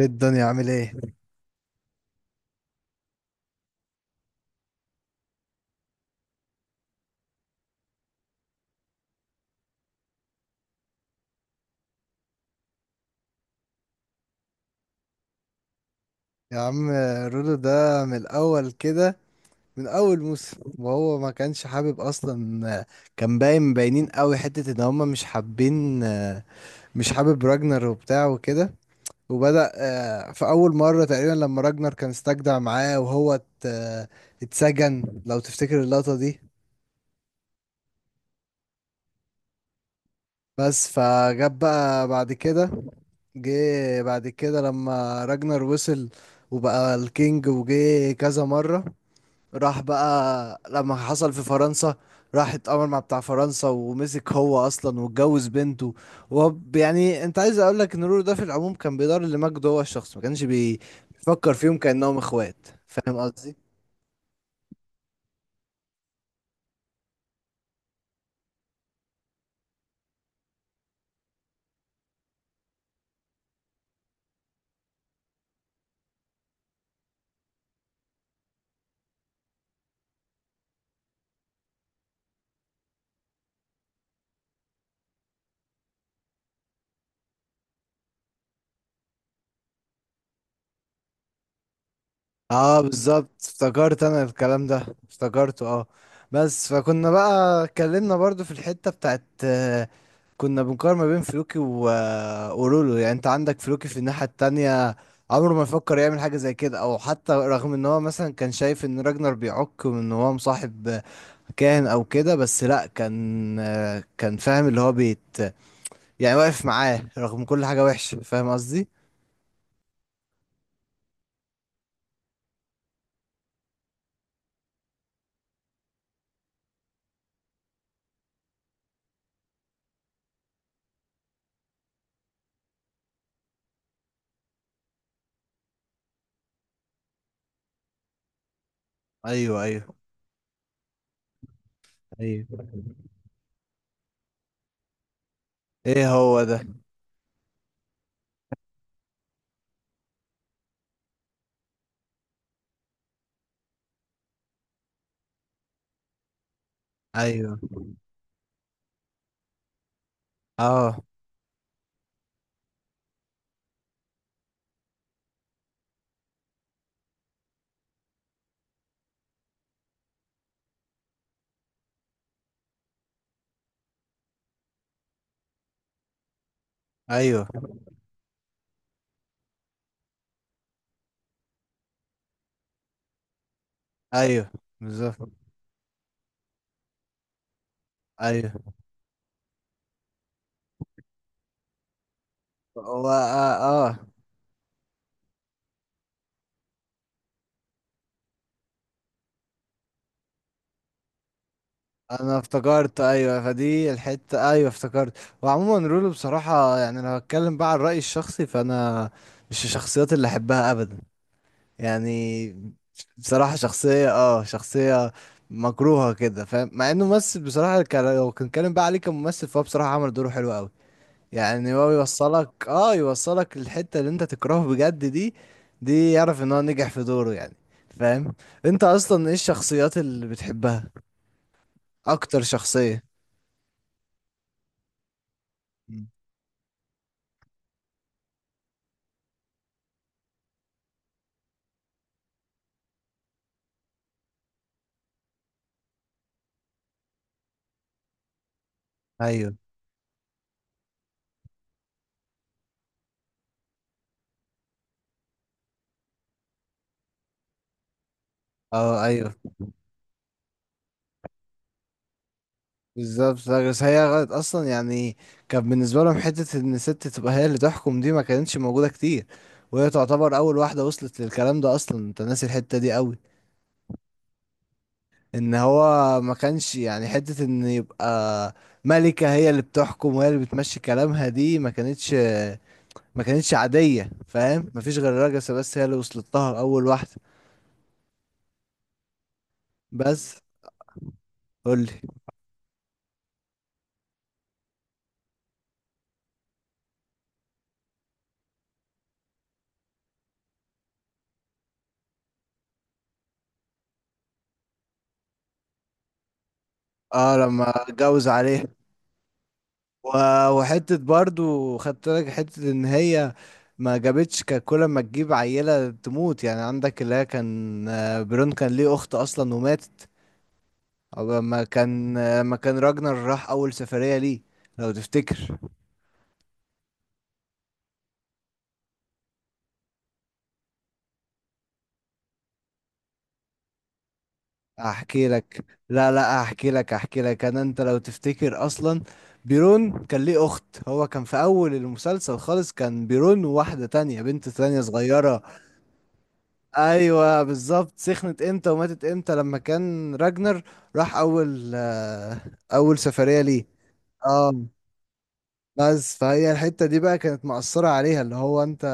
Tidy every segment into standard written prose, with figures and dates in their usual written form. ايه الدنيا عامل ايه يا عم؟ رودو ده من الاول كده، من اول موسم وهو ما كانش حابب اصلا. كان باين باينين قوي حتة ان هما مش حابين، مش حابب راجنر وبتاع وكده. وبدأ في اول مرة تقريبا لما راجنر كان استجدع معاه وهو اتسجن، لو تفتكر اللقطة دي. بس فجاب بقى بعد كده، جه بعد كده لما راجنر وصل وبقى الكينج، وجه كذا مرة. راح بقى لما حصل في فرنسا، راح اتأمر مع بتاع فرنسا ومسك هو اصلا واتجوز بنته. وهو يعني انت عايز اقول لك ان رورو ده في العموم كان بيدار لمجد، هو الشخص ما كانش بيفكر فيهم كأنهم اخوات. فاهم قصدي؟ اه بالظبط، افتكرت انا الكلام ده، افتكرته اه. بس فكنا بقى اتكلمنا برضو في الحتة بتاعت كنا بنقارن ما بين فلوكي و... آه، ورولو. يعني انت عندك فلوكي في الناحية التانية، عمره ما يفكر يعمل حاجة زي كده، او حتى رغم ان هو مثلا كان شايف ان راجنر بيعك وان هو مصاحب كاهن او كده، بس لا، كان كان فاهم اللي هو بيت، يعني واقف معاه رغم كل حاجة وحشة. فاهم قصدي؟ ايوه ايوه ايوه. ايه هو ده. ايوه اه ايوه ايوه بالظبط ايوه. هو اه, آه. انا افتكرت ايوه، فدي الحته ايوه افتكرت. وعموما رولو بصراحه، يعني لو هتكلم بقى عن رايي الشخصي، فانا مش الشخصيات اللي احبها ابدا يعني. بصراحه شخصيه اه، شخصيه مكروهه كده، فاهم؟ مع انه ممثل بصراحه، لو كان بقى عليه كممثل، فهو بصراحه عمل دوره حلو قوي. يعني هو يوصلك الحتة اللي انت تكرهه بجد دي. دي يعرف ان هو نجح في دوره يعني، فاهم؟ انت اصلا ايه الشخصيات اللي بتحبها؟ اكتر شخصية؟ مم. اييوه. اه ايوه بالظبط. لا، بس هي غلط اصلا يعني. كان بالنسبة لهم حتة ان ست تبقى هي اللي تحكم، دي ما كانتش موجودة كتير، وهي تعتبر اول واحدة وصلت للكلام ده اصلا. انت ناسي الحتة دي قوي؟ ان هو ما كانش يعني حتة ان يبقى ملكة هي اللي بتحكم وهي اللي بتمشي كلامها، دي ما كانتش عادية. فاهم؟ مفيش غير راجسة، بس هي اللي وصلت لها اول واحدة. بس قولي. اه لما اتجوز عليها. وحتة برضو خدت لك حتة ان هي ما جابتش، كان كل ما تجيب عيلة تموت. يعني عندك اللي هي كان برون كان ليه اخت اصلا وماتت، أو لما كان راجنر راح اول سفرية ليه، لو تفتكر. احكي لك لا لا، احكي لك انا، انت لو تفتكر اصلا، بيرون كان ليه اخت. هو كان في اول المسلسل خالص كان بيرون وواحدة تانية، بنت تانية صغيرة. ايوه بالظبط، سخنت امتى وماتت امتى؟ لما كان راجنر راح اول سفرية ليه، اه. بس فهي الحتة دي بقى كانت مأثرة عليها، اللي هو انت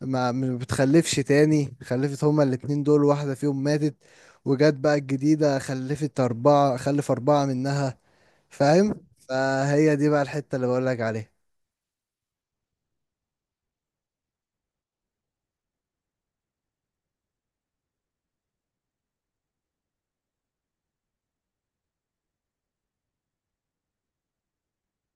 ما بتخلفش تاني. خلفت هما الاتنين دول، واحدة فيهم ماتت، وجت بقى الجديدة خلفت أربعة، خلف أربعة منها. فاهم؟ فهي دي بقى الحتة اللي بقولك عليها.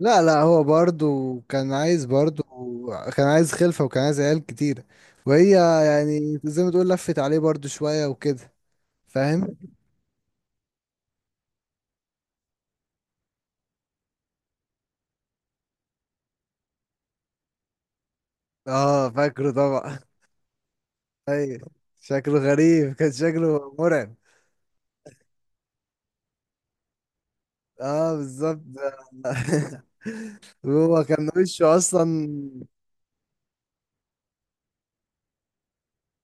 لا لا، هو برضو كان عايز خلفة، وكان عايز عيال كتيرة، وهي يعني زي ما تقول لفت عليه برضو شوية وكده، فاهم؟ اه فاكره طبعا. ايوه. شكله غريب، كان شكله مرعب. اه بالظبط. هو كان وشه اصلا.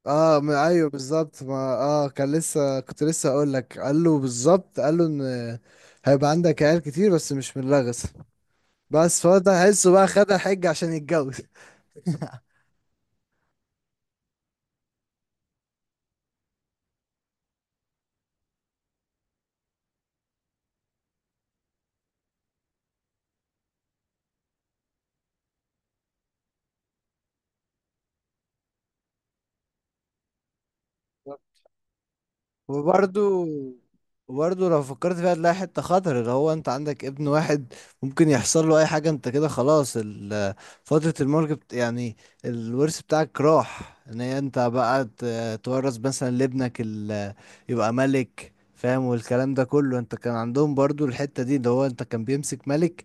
اه ما ايوه بالظبط، ما كان لسه كنت لسه اقول لك، قال له بالظبط، قال له ان هيبقى عندك عيال كتير، بس مش من لغز. بس فهو ده هيحسه بقى، خد الحج عشان يتجوز. وبرضو وبرضو لو فكرت فيها تلاقي حتة خطر، اللي هو انت عندك ابن واحد، ممكن يحصل له اي حاجة، انت كده خلاص فترة الملك يعني الورث بتاعك راح، ان هي انت بقى تورث مثلا لابنك يبقى ملك. فاهم؟ والكلام ده كله، انت كان عندهم برضو الحتة دي، اللي هو انت كان بيمسك ملك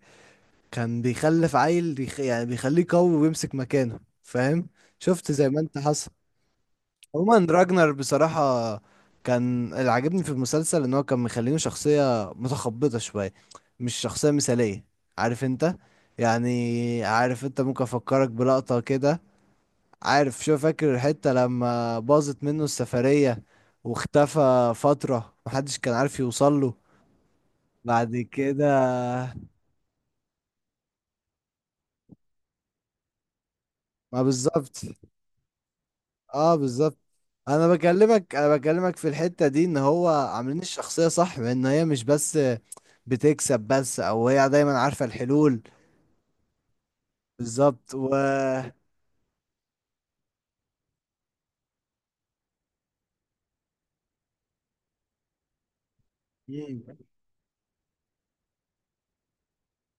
كان بيخلف عيل يعني بيخليه قوي ويمسك مكانه، فاهم؟ شفت زي ما انت حصل. عموما راجنر بصراحة كان اللي عجبني في المسلسل، ان هو كان مخلينه شخصية متخبطة شوية، مش شخصية مثالية. عارف انت؟ يعني عارف انت، ممكن افكرك بلقطة كده. عارف، شو فاكر الحتة لما باظت منه السفرية، واختفى فترة محدش كان عارف يوصله؟ بعد كده ما بالظبط. اه بالظبط. انا بكلمك في الحتة دي، ان هو عاملين الشخصية صح، وان هي مش بس بتكسب بس، او هي دايما عارفة الحلول. بالظبط و. مم.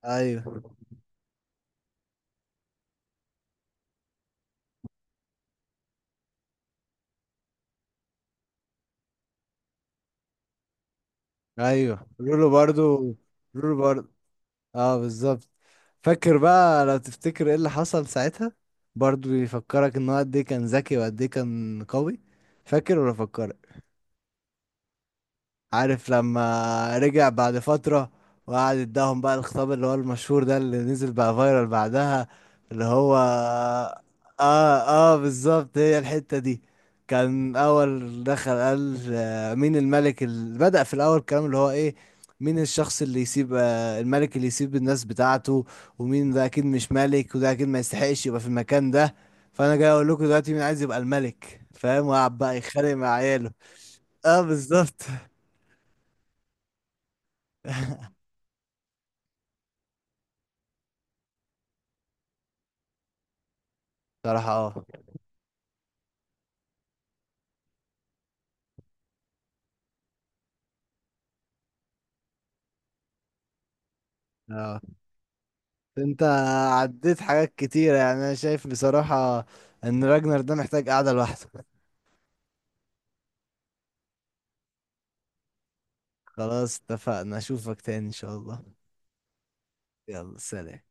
ايوه ايوه. رولو برضو، اه بالظبط. فاكر بقى، لو تفتكر ايه اللي حصل ساعتها؟ برضو يفكرك ان هو قد ايه كان ذكي وقد ايه كان قوي. فاكر ولا فكرك؟ عارف لما رجع بعد فترة، وقعد اداهم بقى الخطاب اللي هو المشهور ده، اللي نزل بقى فايرال بعدها، اللي هو اه بالظبط هي الحتة دي. كان اول دخل قال مين الملك اللي بدأ في الاول الكلام اللي هو ايه؟ مين الشخص اللي يسيب الملك، اللي يسيب الناس بتاعته؟ ومين ده اكيد مش ملك، وده اكيد ما يستحقش يبقى في المكان ده. فانا جاي اقول لكم دلوقتي، مين عايز يبقى الملك؟ فاهم؟ وقعد بقى يتخانق مع عياله. اه بالظبط. صراحة اه. اه انت عديت حاجات كتيرة يعني. انا شايف بصراحة ان راجنر ده محتاج قعدة لوحده. خلاص اتفقنا، اشوفك تاني ان شاء الله. يلا سلام.